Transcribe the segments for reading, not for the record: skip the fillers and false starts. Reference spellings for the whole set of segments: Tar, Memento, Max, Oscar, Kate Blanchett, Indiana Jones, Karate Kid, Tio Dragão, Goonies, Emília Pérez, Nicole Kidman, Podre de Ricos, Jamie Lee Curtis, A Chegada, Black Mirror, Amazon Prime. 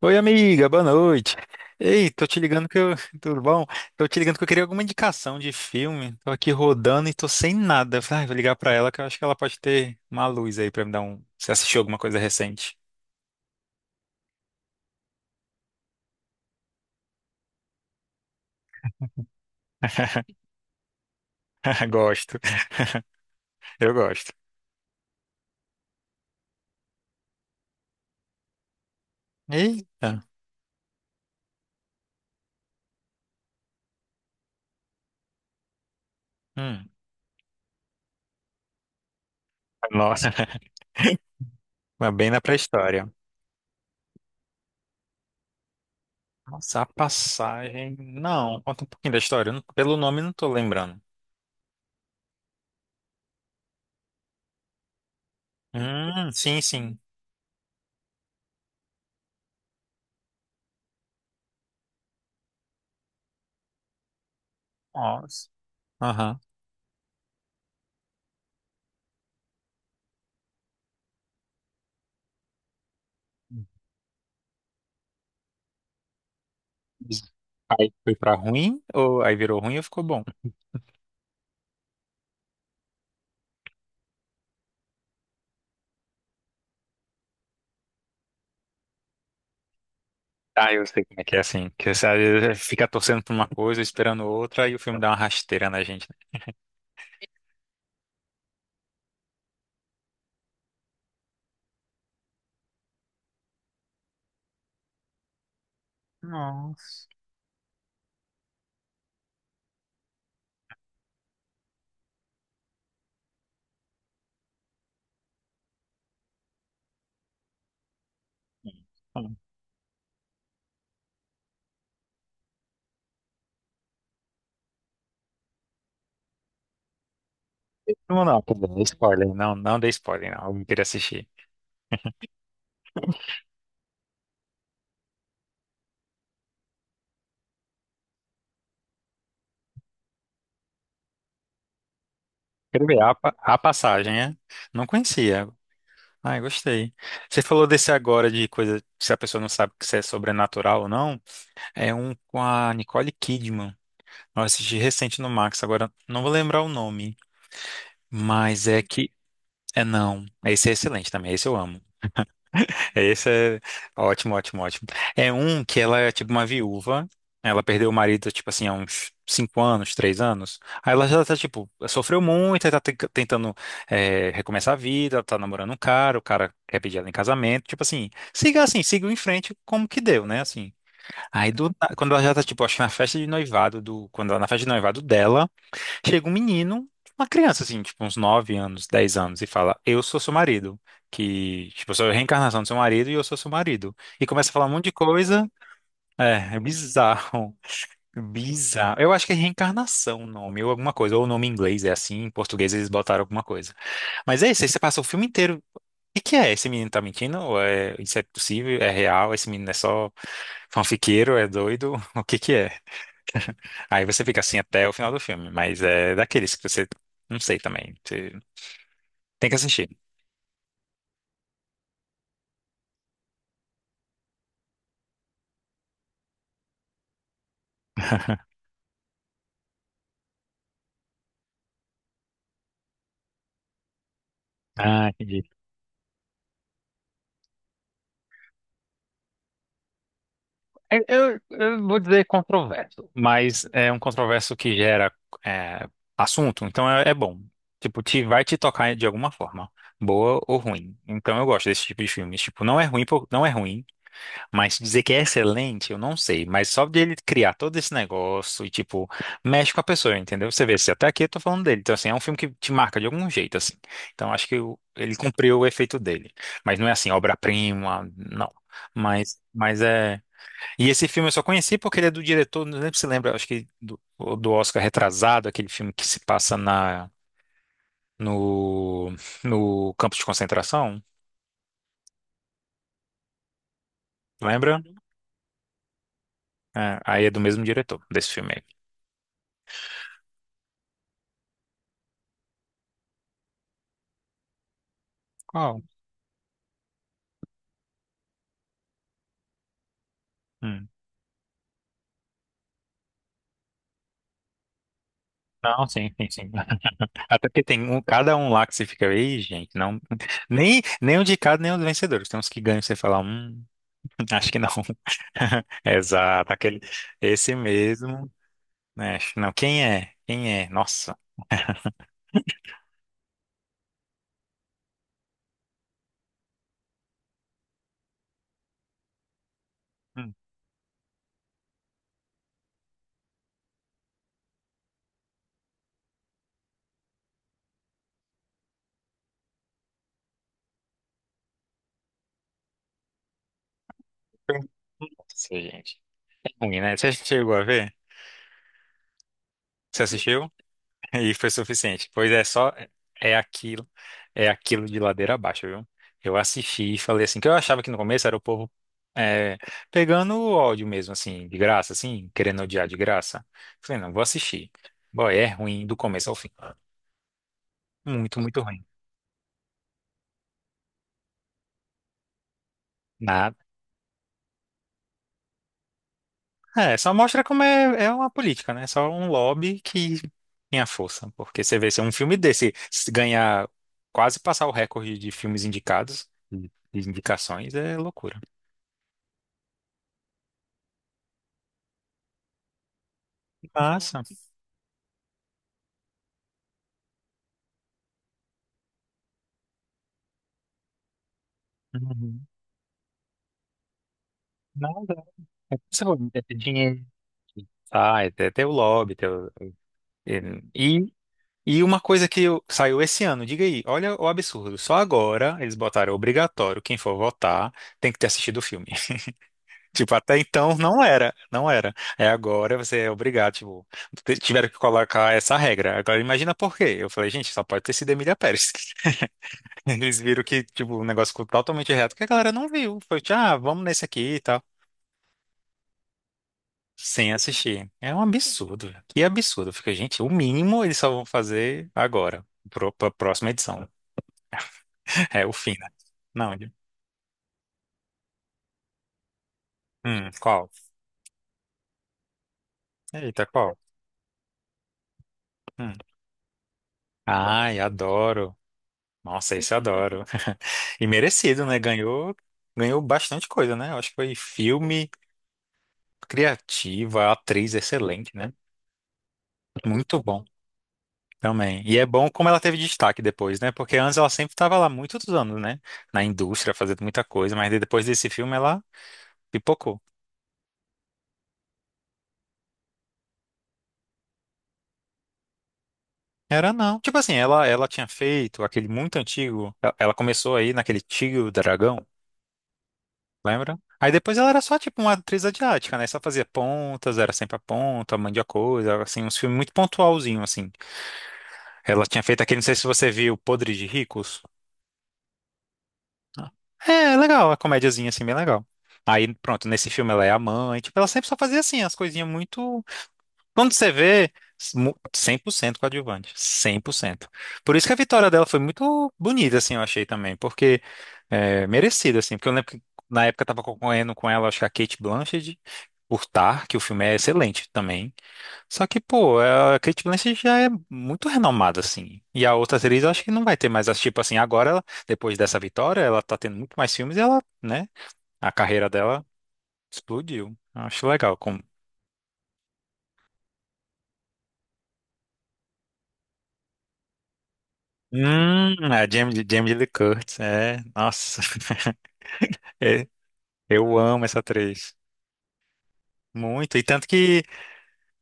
Oi, amiga, boa noite. Ei, tô te ligando que eu. Tudo bom? Tô te ligando que eu queria alguma indicação de filme. Tô aqui rodando e tô sem nada. Eu falei, ah, vou ligar pra ela que eu acho que ela pode ter uma luz aí pra me dar um. Você assistiu alguma coisa recente? Gosto, eu gosto. Eita. Hum. Nossa, mas bem na pré-história. Nossa, a passagem. Não, conta um pouquinho da história. Eu não- Pelo nome, eu não tô lembrando. Sim, sim. Nossa. Aham. Aí foi pra ruim? Ou aí virou ruim ou ficou bom? Ah, eu sei como é que é assim. Que você às vezes é, fica torcendo por uma coisa, esperando outra, e o filme dá uma rasteira na gente, né? Nossa. Não, não, não, tudo bem, spoiler. Não, não dei spoiler, não. Eu queria assistir. Quero ver a passagem, é? Não conhecia. Ai, gostei. Você falou desse agora de coisa, se a pessoa não sabe se é sobrenatural ou não, é um com a Nicole Kidman. Eu assisti recente no Max, agora não vou lembrar o nome, mas é que é não. Esse é excelente também, esse eu amo. É, esse é ótimo, ótimo, ótimo. É um que ela é tipo uma viúva. Ela perdeu o marido, tipo assim, há uns 5 anos, 3 anos. Aí ela já tá, tipo, sofreu muito, aí tá tentando recomeçar a vida, ela tá namorando um cara, o cara quer pedir ela em casamento. Tipo assim, siga em frente como que deu, né? Assim. Aí quando ela já tá, tipo, acho que na festa de noivado do. Quando ela, na festa de noivado dela. Chega um menino, uma criança assim, tipo uns 9 anos, 10 anos, e fala: eu sou seu marido. Que, tipo, eu sou a reencarnação do seu marido e eu sou seu marido. E começa a falar um monte de coisa. É bizarro. Bizarro. Eu acho que é reencarnação o nome, ou alguma coisa. Ou o nome em inglês é assim, em português eles botaram alguma coisa. Mas é isso, aí você passa o filme inteiro. O que que é? Esse menino tá mentindo? Ou é, isso é possível? É real? Esse menino é só fanfiqueiro? É doido? O que que é? Aí você fica assim até o final do filme, mas é daqueles que você não sei também. Você tem que assistir. Ah, entendi. Eu vou dizer controverso, mas é um controverso que gera é, assunto, então é bom. Tipo, vai te tocar de alguma forma, boa ou ruim. Então eu gosto desse tipo de filmes. Tipo, não é ruim, não é ruim. Mas dizer que é excelente, eu não sei. Mas só de ele criar todo esse negócio e, tipo, mexe com a pessoa, entendeu? Você vê, se até aqui eu tô falando dele. Então, assim, é um filme que te marca de algum jeito, assim. Então, acho que ele cumpriu o efeito dele. Mas não é assim, obra-prima, não. Mas é. E esse filme eu só conheci porque ele é do diretor, não lembro se lembra, acho que do, Oscar Retrasado, aquele filme que se passa na, no, no campo de concentração. Lembra? É, aí é do mesmo diretor desse filme aí. Qual? Não, sim, sim, sim. Até porque tem um, cada um lá que você fica, ei, gente, não, nem o de cada, nem o do vencedor. Tem uns que ganham, você fala, acho que não. Exato, aquele, esse mesmo, né? Não, quem é? Quem é? Nossa. Hum. Nossa, gente. É ruim, né? Você chegou a ver? Você assistiu? E foi suficiente. Pois é, só é aquilo, é aquilo de ladeira abaixo, viu? Eu assisti e falei assim, que eu achava que no começo era o povo é, pegando o ódio mesmo, assim, de graça, assim, querendo odiar de graça. Falei, não, vou assistir. Boy, é ruim do começo ao fim. Muito, muito ruim. Nada. É, só mostra como é uma política, né? Só um lobby que tem a força. Porque você vê, se um filme desse se ganhar, quase passar o recorde de filmes indicados, de indicações, é loucura. Massa. Uhum. Nada. É pessoa, é ter dinheiro. Ah, é ter o lobby. Ter o... E, e uma coisa saiu esse ano, diga aí, olha o absurdo. Só agora eles botaram obrigatório, quem for votar tem que ter assistido o filme. Tipo, até então não era, não era. É agora você é obrigado, tipo, tiveram que colocar essa regra. Agora imagina por quê. Eu falei, gente, só pode ter sido Emília Pérez. Eles viram que, tipo, o negócio ficou totalmente reto, que a galera não viu. Foi, tipo, ah, vamos nesse aqui e tal. Sem assistir. É um absurdo, velho. Que absurdo. Fica, gente, o mínimo eles só vão fazer agora, pra próxima edição. É o fim, né? Não, qual? Eita, qual? Hum. Ai, adoro. Nossa, esse eu adoro. E merecido, né? Ganhou bastante coisa, né? Eu acho que foi filme criativa, atriz excelente, né? Muito bom também. E é bom como ela teve destaque depois, né? Porque antes ela sempre estava lá muitos anos, né? Na indústria, fazendo muita coisa, mas depois desse filme ela pipocou. Era não. Tipo assim, ela tinha feito aquele muito antigo. Ela começou aí naquele Tio Dragão, lembra? Aí depois ela era só tipo uma atriz asiática, né? Só fazia pontas, era sempre a ponta, mandia coisa, assim, uns filmes muito pontualzinho, assim. Ela tinha feito aquele, não sei se você viu, Podre de Ricos. É legal, a comédiazinha assim, bem legal. Aí, pronto, nesse filme ela é a mãe, tipo, ela sempre só fazia assim, as coisinhas muito. Quando você vê, 100% coadjuvante, 100%. Por isso que a vitória dela foi muito bonita, assim, eu achei também, porque merecida, assim, porque eu lembro que na época eu tava concorrendo com ela, acho que a Kate Blanchett, por Tar, que o filme é excelente também. Só que, pô, a Kate Blanchett já é muito renomada, assim, e a outra atriz eu acho que não vai ter mais, as tipo assim, agora, ela, depois dessa vitória, ela tá tendo muito mais filmes e ela, né, a carreira dela explodiu. Eu acho legal, como Hum, a Jamie Lee Curtis, é. Nossa, é, eu amo essa atriz. Muito. E tanto que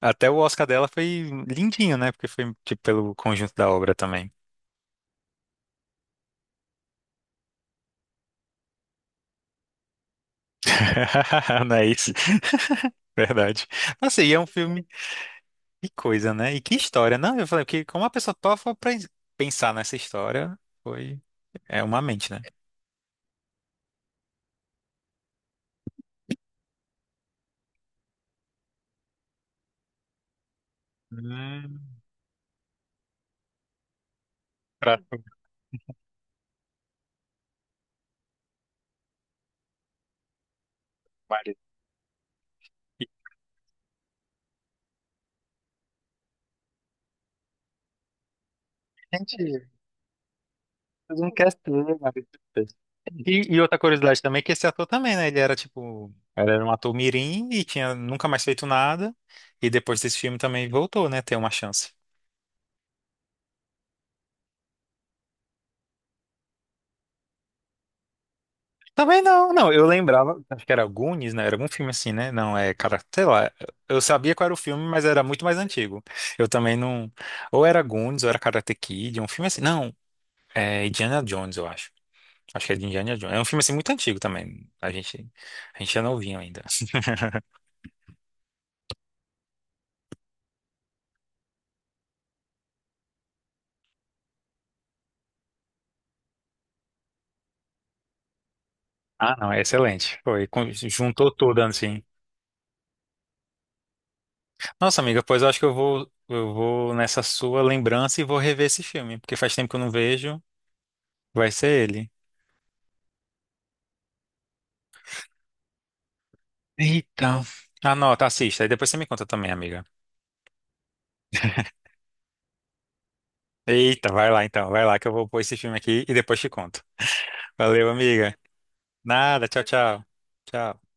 até o Oscar dela foi lindinho, né? Porque foi, tipo, pelo conjunto da obra também. Não é isso? Verdade. Nossa, e é um filme. Que coisa, né? E que história, não? Eu falei, porque como a pessoa topa pra pensar nessa história, foi. É uma mente, né? Hum, pra... Gente, fez um castor, mano. E outra curiosidade também é que esse ator também, né? Ele era tipo, ele era um ator mirim e tinha nunca mais feito nada. E depois desse filme também voltou, né? Ter uma chance. Também não, não. Eu lembrava, acho que era Goonies, né? Era algum filme assim, né? Não, é, cara, sei lá. Eu sabia qual era o filme, mas era muito mais antigo. Eu também não. Ou era Goonies, ou era Karate Kid, um filme assim. Não, é Indiana Jones, eu acho. Acho que é de Indiana Jones. É um filme assim muito antigo também. A gente é novinho ainda. Ah, não, é excelente. Foi, juntou tudo assim. Nossa, amiga, pois eu acho que eu vou nessa sua lembrança e vou rever esse filme, porque faz tempo que eu não vejo. Vai ser ele. Eita. Anota, assista, e depois você me conta também, amiga. Eita, vai lá então, vai lá que eu vou pôr esse filme aqui e depois te conto. Valeu, amiga. Nada, tchau, tchau. Tchau.